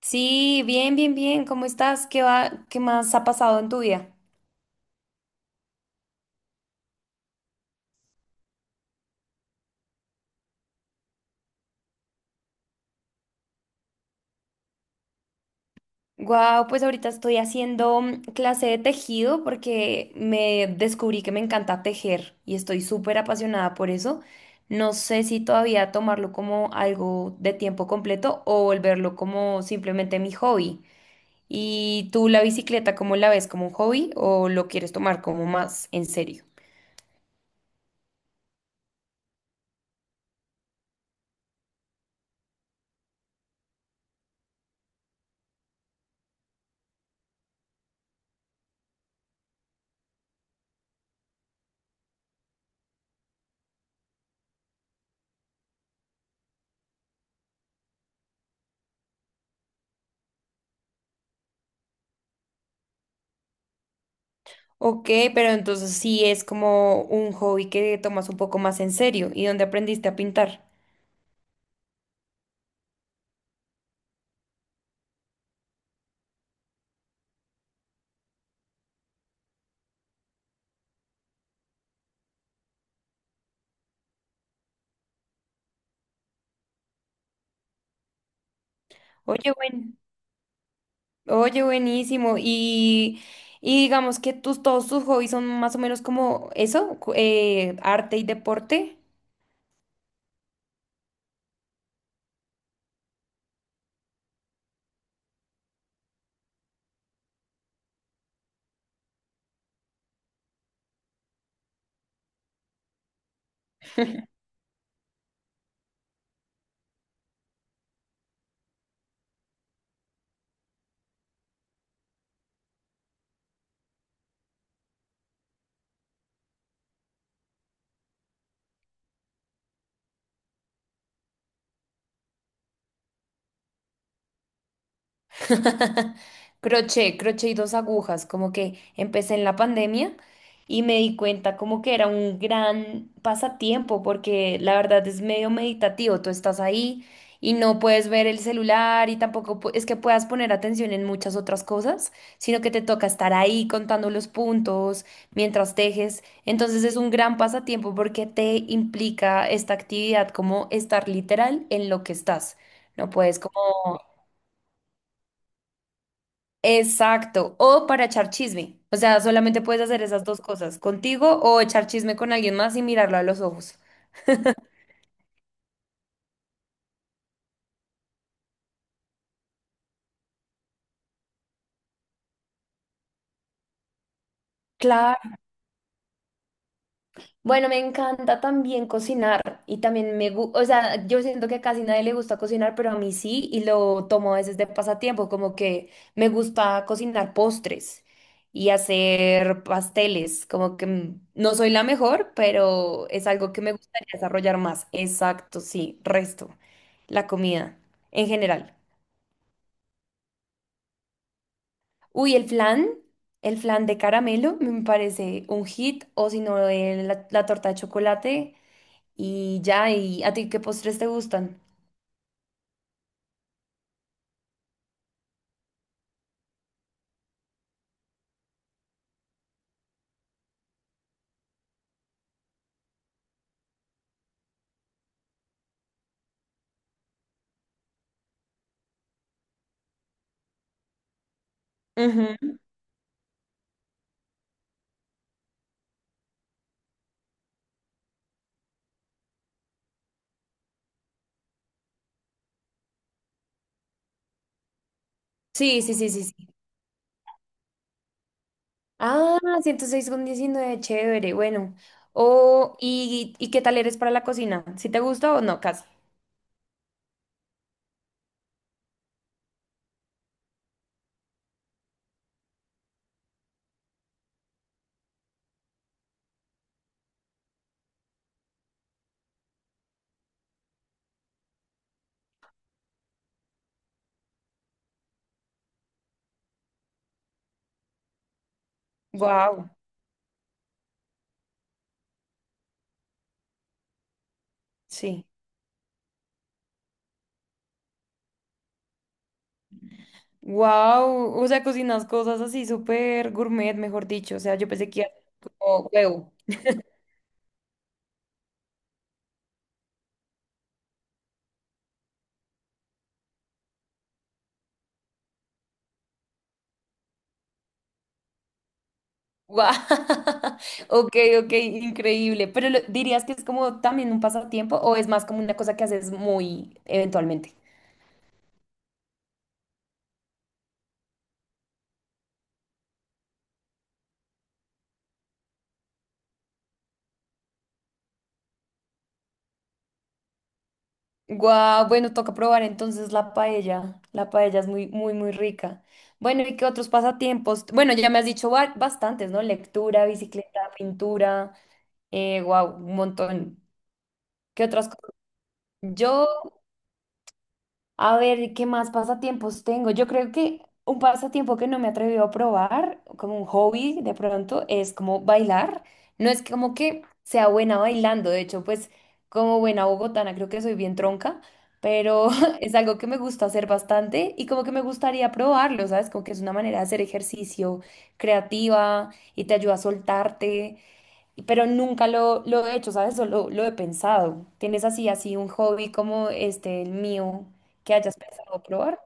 Sí, bien, bien, bien. ¿Cómo estás? ¿Qué va? ¿Qué más ha pasado en tu vida? Wow, pues ahorita estoy haciendo clase de tejido porque me descubrí que me encanta tejer y estoy súper apasionada por eso. No sé si todavía tomarlo como algo de tiempo completo o volverlo como simplemente mi hobby. ¿Y tú la bicicleta cómo la ves? ¿Como un hobby o lo quieres tomar como más en serio? Ok, pero entonces sí es como un hobby que tomas un poco más en serio. ¿Y donde aprendiste a pintar? Oye, buen, oye, buenísimo. Y digamos que todos tus hobbies son más o menos como eso, arte y deporte. Crochet, crochet y dos agujas, como que empecé en la pandemia y me di cuenta como que era un gran pasatiempo porque la verdad es medio meditativo. Tú estás ahí y no puedes ver el celular y tampoco es que puedas poner atención en muchas otras cosas, sino que te toca estar ahí contando los puntos mientras tejes. Entonces es un gran pasatiempo porque te implica esta actividad como estar literal en lo que estás. No puedes como... exacto, o para echar chisme. O sea, solamente puedes hacer esas dos cosas, contigo o echar chisme con alguien más y mirarlo a los ojos. Claro. Bueno, me encanta también cocinar y también me gusta. O sea, yo siento que casi nadie le gusta cocinar, pero a mí sí, y lo tomo a veces de pasatiempo. Como que me gusta cocinar postres y hacer pasteles. Como que no soy la mejor, pero es algo que me gustaría desarrollar más. Exacto, sí, resto, la comida en general. Uy, el flan de caramelo me parece un hit, o si no, la torta de chocolate y ya. ¿Y a ti qué postres te gustan? Ujú. Sí, sí, sí, sí, sí. Ah, 106 con 19, chévere, bueno. Oh, ¿y qué tal eres para la cocina? ¿Si te gusta o no, casi? Wow, sí. Wow, o sea, cocinas cosas así súper gourmet, mejor dicho. O sea, yo pensé que era como huevo. Guau. Ok, ok, increíble. ¿Dirías que es como también un pasatiempo o es más como una cosa que haces muy eventualmente? Guau, bueno, toca probar entonces la paella. La paella es muy, muy, muy rica. Bueno, ¿y qué otros pasatiempos? Bueno, ya me has dicho bastantes, ¿no? Lectura, bicicleta, pintura. Guau, un montón. ¿Qué otras cosas? Yo... a ver, ¿qué más pasatiempos tengo? Yo creo que un pasatiempo que no me he atrevido a probar, como un hobby de pronto, es como bailar. No es como que sea buena bailando, de hecho, pues como buena bogotana creo que soy bien tronca, pero es algo que me gusta hacer bastante y como que me gustaría probarlo, ¿sabes? Como que es una manera de hacer ejercicio creativa y te ayuda a soltarte, pero nunca lo he hecho, ¿sabes? Solo lo he pensado. ¿Tienes así, así un hobby como este, el mío, que hayas pensado probar?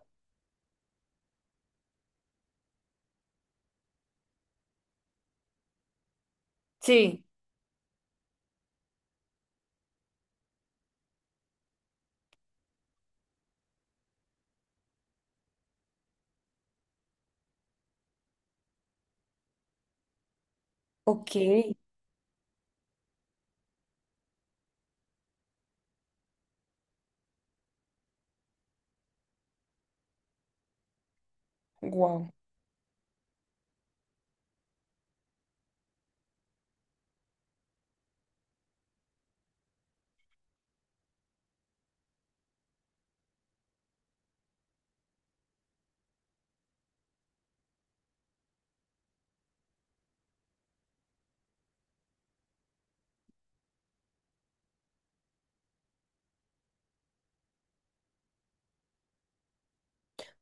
Sí. Ok, wow.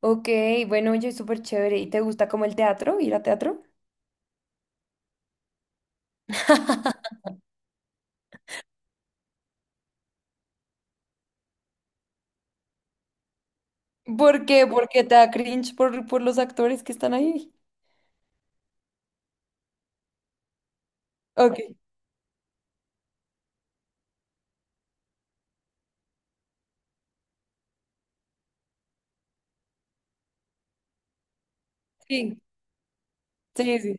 Ok, bueno, oye, súper chévere. ¿Y te gusta como el teatro, ir a teatro? ¿Por qué? ¿Porque te da cringe por los actores que están ahí? Ok, sí, sí, sí.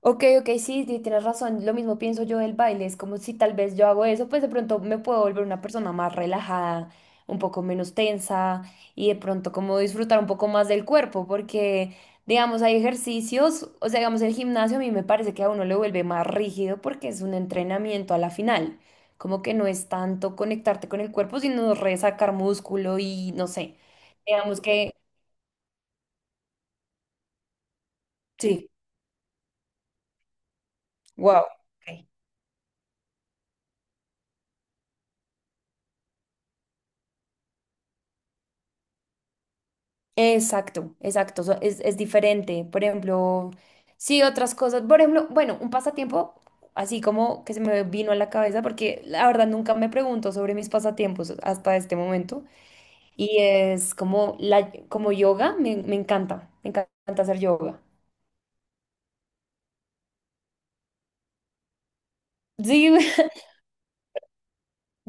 Ok, ok, sí, sí, tienes razón. Lo mismo pienso yo del baile. Es como si tal vez yo hago eso, pues de pronto me puedo volver una persona más relajada, un poco menos tensa y de pronto como disfrutar un poco más del cuerpo, porque digamos hay ejercicios, o sea, digamos el gimnasio a mí me parece que a uno le vuelve más rígido porque es un entrenamiento a la final. Como que no es tanto conectarte con el cuerpo, sino resacar músculo y no sé. Digamos que sí, wow. Exacto, exacto, es diferente. Por ejemplo, sí, otras cosas. Por ejemplo, bueno, un pasatiempo así como que se me vino a la cabeza, porque la verdad nunca me pregunto sobre mis pasatiempos hasta este momento. Y es como como yoga, me encanta hacer yoga. Sí.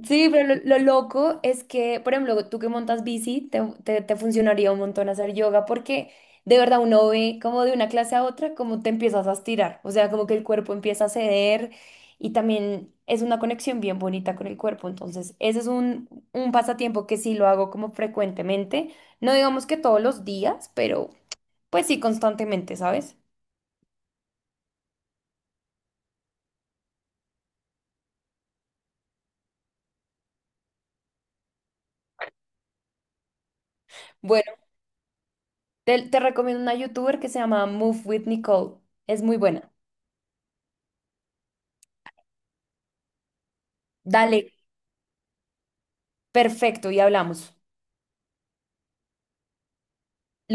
Sí, pero lo loco es que, por ejemplo, tú que montas bici, te funcionaría un montón hacer yoga porque de verdad uno ve como de una clase a otra como te empiezas a estirar, o sea, como que el cuerpo empieza a ceder y también es una conexión bien bonita con el cuerpo. Entonces, ese es un pasatiempo que sí lo hago como frecuentemente, no digamos que todos los días, pero pues sí constantemente, ¿sabes? Bueno, te recomiendo una youtuber que se llama Move with Nicole, es muy buena. Dale, perfecto, y hablamos.